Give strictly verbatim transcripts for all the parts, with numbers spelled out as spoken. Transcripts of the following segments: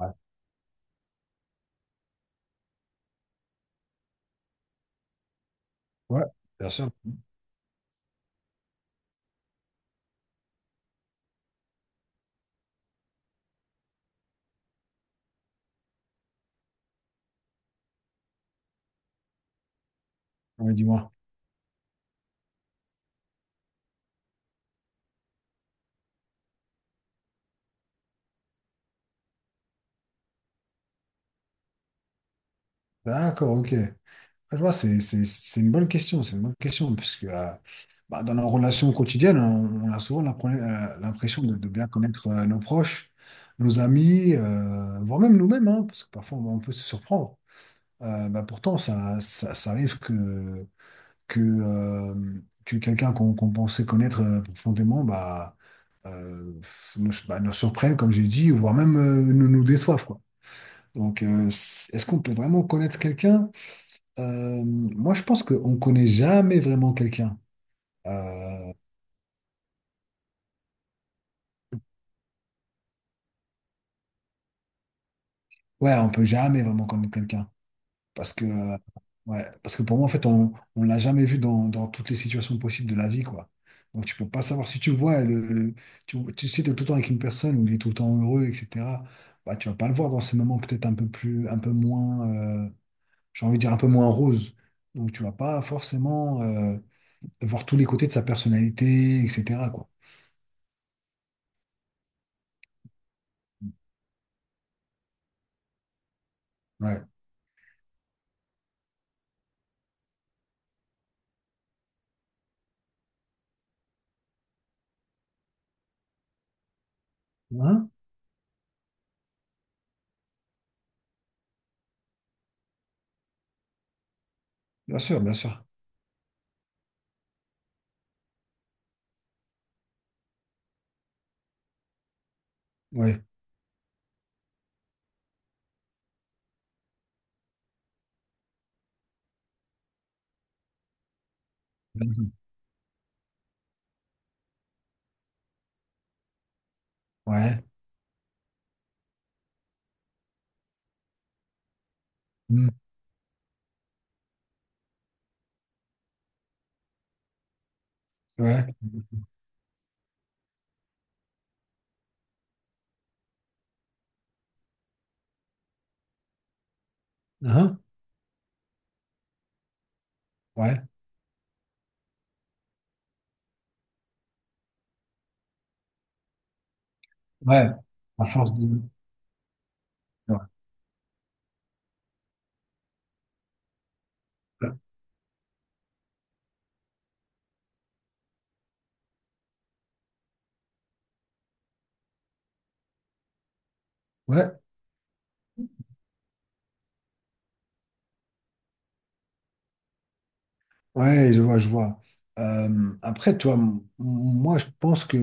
Ouais, Ouais, bien sûr. Oui, dis-moi. D'accord, ok. Ah, je vois, c'est c'est- c'est une bonne question. C'est une bonne question, puisque euh, bah, dans nos relations quotidiennes, on, on a souvent l'impre- euh, l'impression de, de bien connaître euh, nos proches, nos amis, euh, voire même nous-mêmes, hein, parce que parfois on peut se surprendre. Euh, bah, pourtant, ça, ça, ça arrive que, que, euh, que quelqu'un qu'on qu'on pensait connaître euh, profondément, bah, euh, nous, bah, nous surprenne, comme j'ai dit, voire même euh, nous, nous déçoive, quoi. Donc, euh, c- est-ce qu'on peut vraiment connaître quelqu'un? Euh, moi, je pense qu'on ne connaît jamais vraiment quelqu'un. Euh, ouais, on peut jamais vraiment connaître quelqu'un. Parce que, euh, ouais, parce que pour moi, en fait, on ne l'a jamais vu dans, dans toutes les situations possibles de la vie, quoi. Donc, tu peux pas savoir si tu vois, le, le- tu, tu sais, t'es tout le temps avec une personne où il est tout le temps heureux, et cetera. Bah, tu vas pas le voir dans ces moments peut-être un peu plus, un peu moins, euh, j'ai envie de dire un peu moins rose. Donc, tu vas pas forcément. Euh, voir tous les côtés de sa personnalité, et cetera, quoi. Ouais. Hein? Bien sûr, bien sûr. Ouais. Ouais. Mm. Ouais. Hein? Ouais. Ouais. À force de… Ouais. Ouais, ouais, je vois, je vois. Euh, après, toi, m- moi, je pense que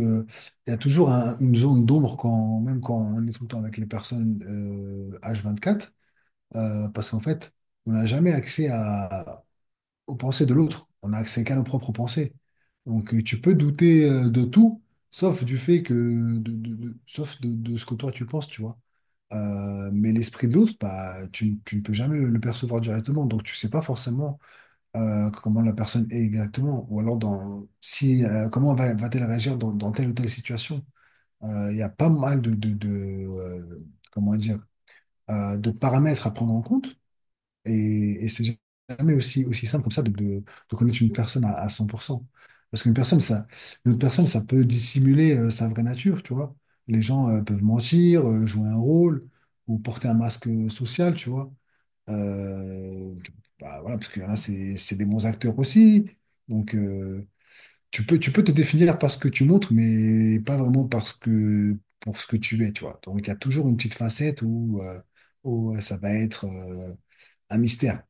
il y a toujours un- une zone d'ombre quand, même quand on est tout le temps avec les personnes euh, H vingt-quatre, euh, parce qu'en fait, on n'a jamais accès à, aux pensées de l'autre. On n'a accès qu'à nos propres pensées. Donc euh, tu peux douter euh, de tout, sauf du fait que, de, de- de- sauf de, de ce que toi tu penses, tu vois. Euh, mais l'esprit de l'autre, bah, tu, ne tu ne peux jamais le, le percevoir directement, donc tu sais pas forcément euh, comment la personne est exactement, ou alors dans, si, euh, comment va, va-t-elle réagir dans, dans telle ou telle situation. Euh, Il y a pas mal de, de, de, euh, comment dire, euh, de paramètres à prendre en compte. Et, et c'est jamais aussi, aussi simple comme ça de, de, de connaître une personne à, à cent pour cent. Parce qu'une personne, ça, une autre personne, ça peut dissimuler euh, sa vraie nature, tu vois. Les gens euh, peuvent mentir, euh, jouer un rôle ou porter un masque euh, social, tu vois. Euh, Bah, voilà, parce qu'il y en a, c'est, c'est des bons acteurs aussi. Donc, euh, tu peux, tu peux te définir par ce que tu montres, mais pas vraiment parce que, pour ce que tu es, tu vois. Donc, il y a toujours une petite facette où, euh, où, euh, ça va être… euh, un mystère.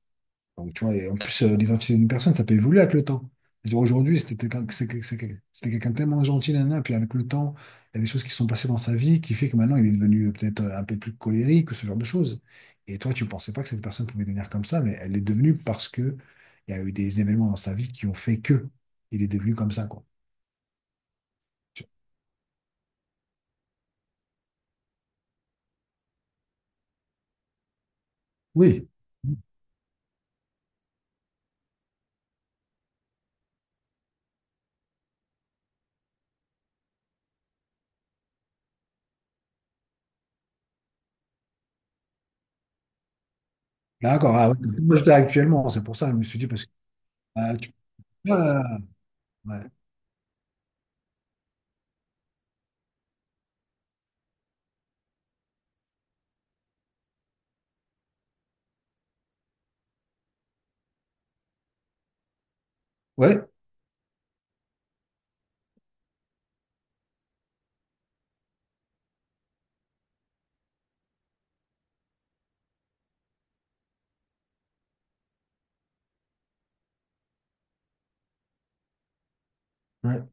Donc, tu vois, et en plus, euh, l'identité d'une personne, ça peut évoluer avec le temps. C'est-à-dire, aujourd'hui, c'était quelqu'un c'est quel- c'est quel- c'était quelqu'un tellement gentil, nanana, puis avec le temps, il y a des choses qui se sont passées dans sa vie qui fait que maintenant, il est devenu euh, peut-être euh, un peu plus colérique, ou ce genre de choses. Et toi, tu pensais pas que cette personne pouvait devenir comme ça, mais elle l'est devenue parce que il y a eu des événements dans sa vie qui ont fait que il est devenu comme ça, quoi. Tu Oui. vois. D'accord, ah, ouais, moi, j'étais actuellement, c'est pour ça que je me suis dit, parce que… ah, tu- ah, ouais, ouais, ouais,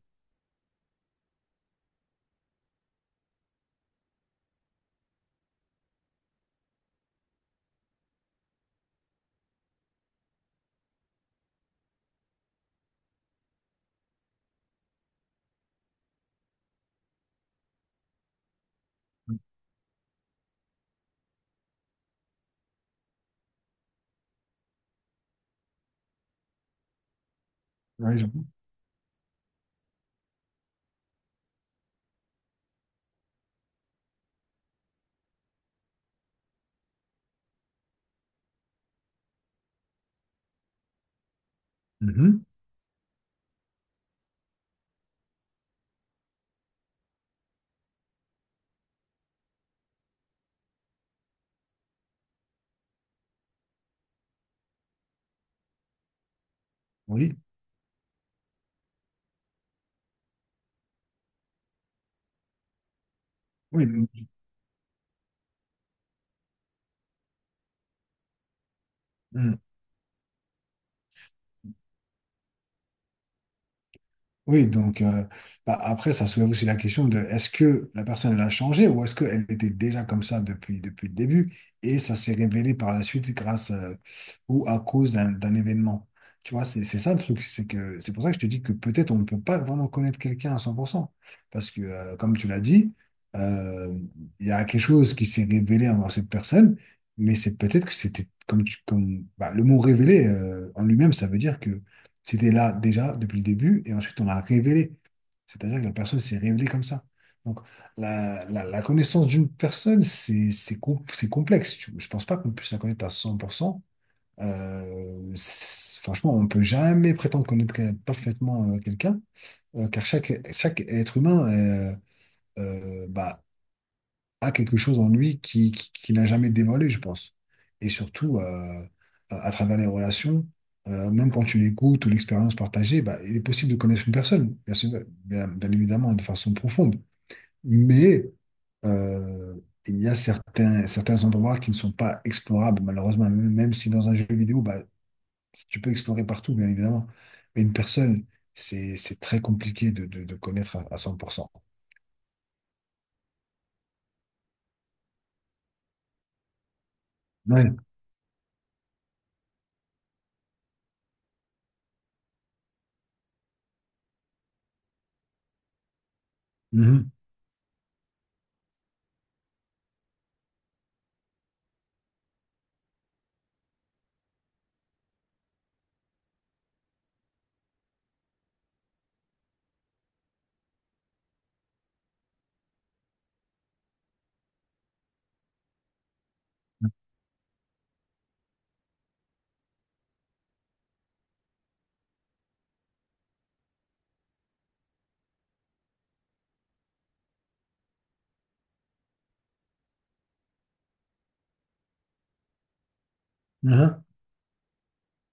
ouais, j'avoue. Mhm. Oui, oui. Mhm. Oui, donc euh, bah, après, ça soulève aussi la question de est-ce que la personne elle a changé ou est-ce qu'elle était déjà comme ça depuis, depuis le début et ça s'est révélé par la suite grâce euh, ou à cause d'un d'un événement. Tu vois, c'est c'est ça le truc, c'est que c'est pour ça que je te dis que peut-être on ne peut pas vraiment connaître quelqu'un à cent pour cent. Parce que, euh, comme tu l'as dit, euh, il y a quelque chose qui s'est révélé envers cette personne, mais c'est peut-être que c'était comme, tu- comme bah, le mot révélé euh, en lui-même, ça veut dire que c'était là déjà depuis le début et ensuite on l'a révélé. C'est-à-dire que la personne s'est révélée comme ça. Donc la, la- la connaissance d'une personne, c'est c'est com- c'est complexe. Je ne pense pas qu'on puisse la connaître à cent pour cent. Euh, c'est- franchement, on ne peut jamais prétendre connaître que- parfaitement euh, quelqu'un, euh, car chaque, chaque être humain euh, euh, bah, a quelque chose en lui qui, qui, qui n'a jamais dévoilé, je pense. Et surtout, euh, à à travers les relations, euh, même quand tu l'écoutes ou l'expérience partagée, bah, il est possible de connaître une personne, bien sûr, bien, bien évidemment, de façon profonde. Mais euh, il y a certains, certains endroits qui ne sont pas explorables, malheureusement, même, même si dans un jeu vidéo, bah, tu peux explorer partout, bien évidemment. Mais une personne, c'est, c'est très compliqué de, de, de connaître à, à cent pour cent. Ouais. Mhm.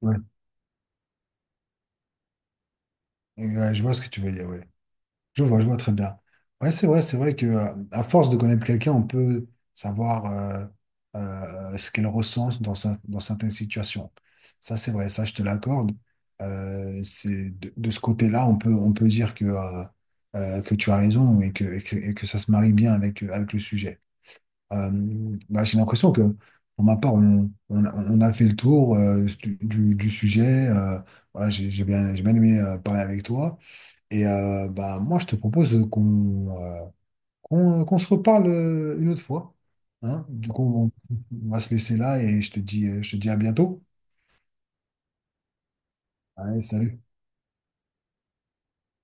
Mhm. Ouais, je vois ce que tu veux dire, oui. Je vois, je vois très bien. Ouais, c'est vrai, c'est vrai que euh, à force de connaître quelqu'un, on peut savoir euh, euh, ce qu'elle ressent dans, cer- dans certaines situations. Ça, c'est vrai, ça, je te l'accorde. Euh, c'est de, de ce côté-là, on peut, on peut dire que, euh, euh, que tu as raison et que, et que, et que ça se marie bien avec, avec le sujet. Euh, bah, j'ai l'impression que, pour ma part, on, on, a on a fait le tour euh, du, du, du sujet. Euh, voilà, j'ai j'ai bien, j'ai bien aimé euh, parler avec toi. Et euh, bah, moi, je te propose qu'on euh, qu'on euh, qu'on se reparle euh, une autre fois. Hein? Du coup, on on va se laisser là et je te dis, euh, je te dis à bientôt. Allez, salut.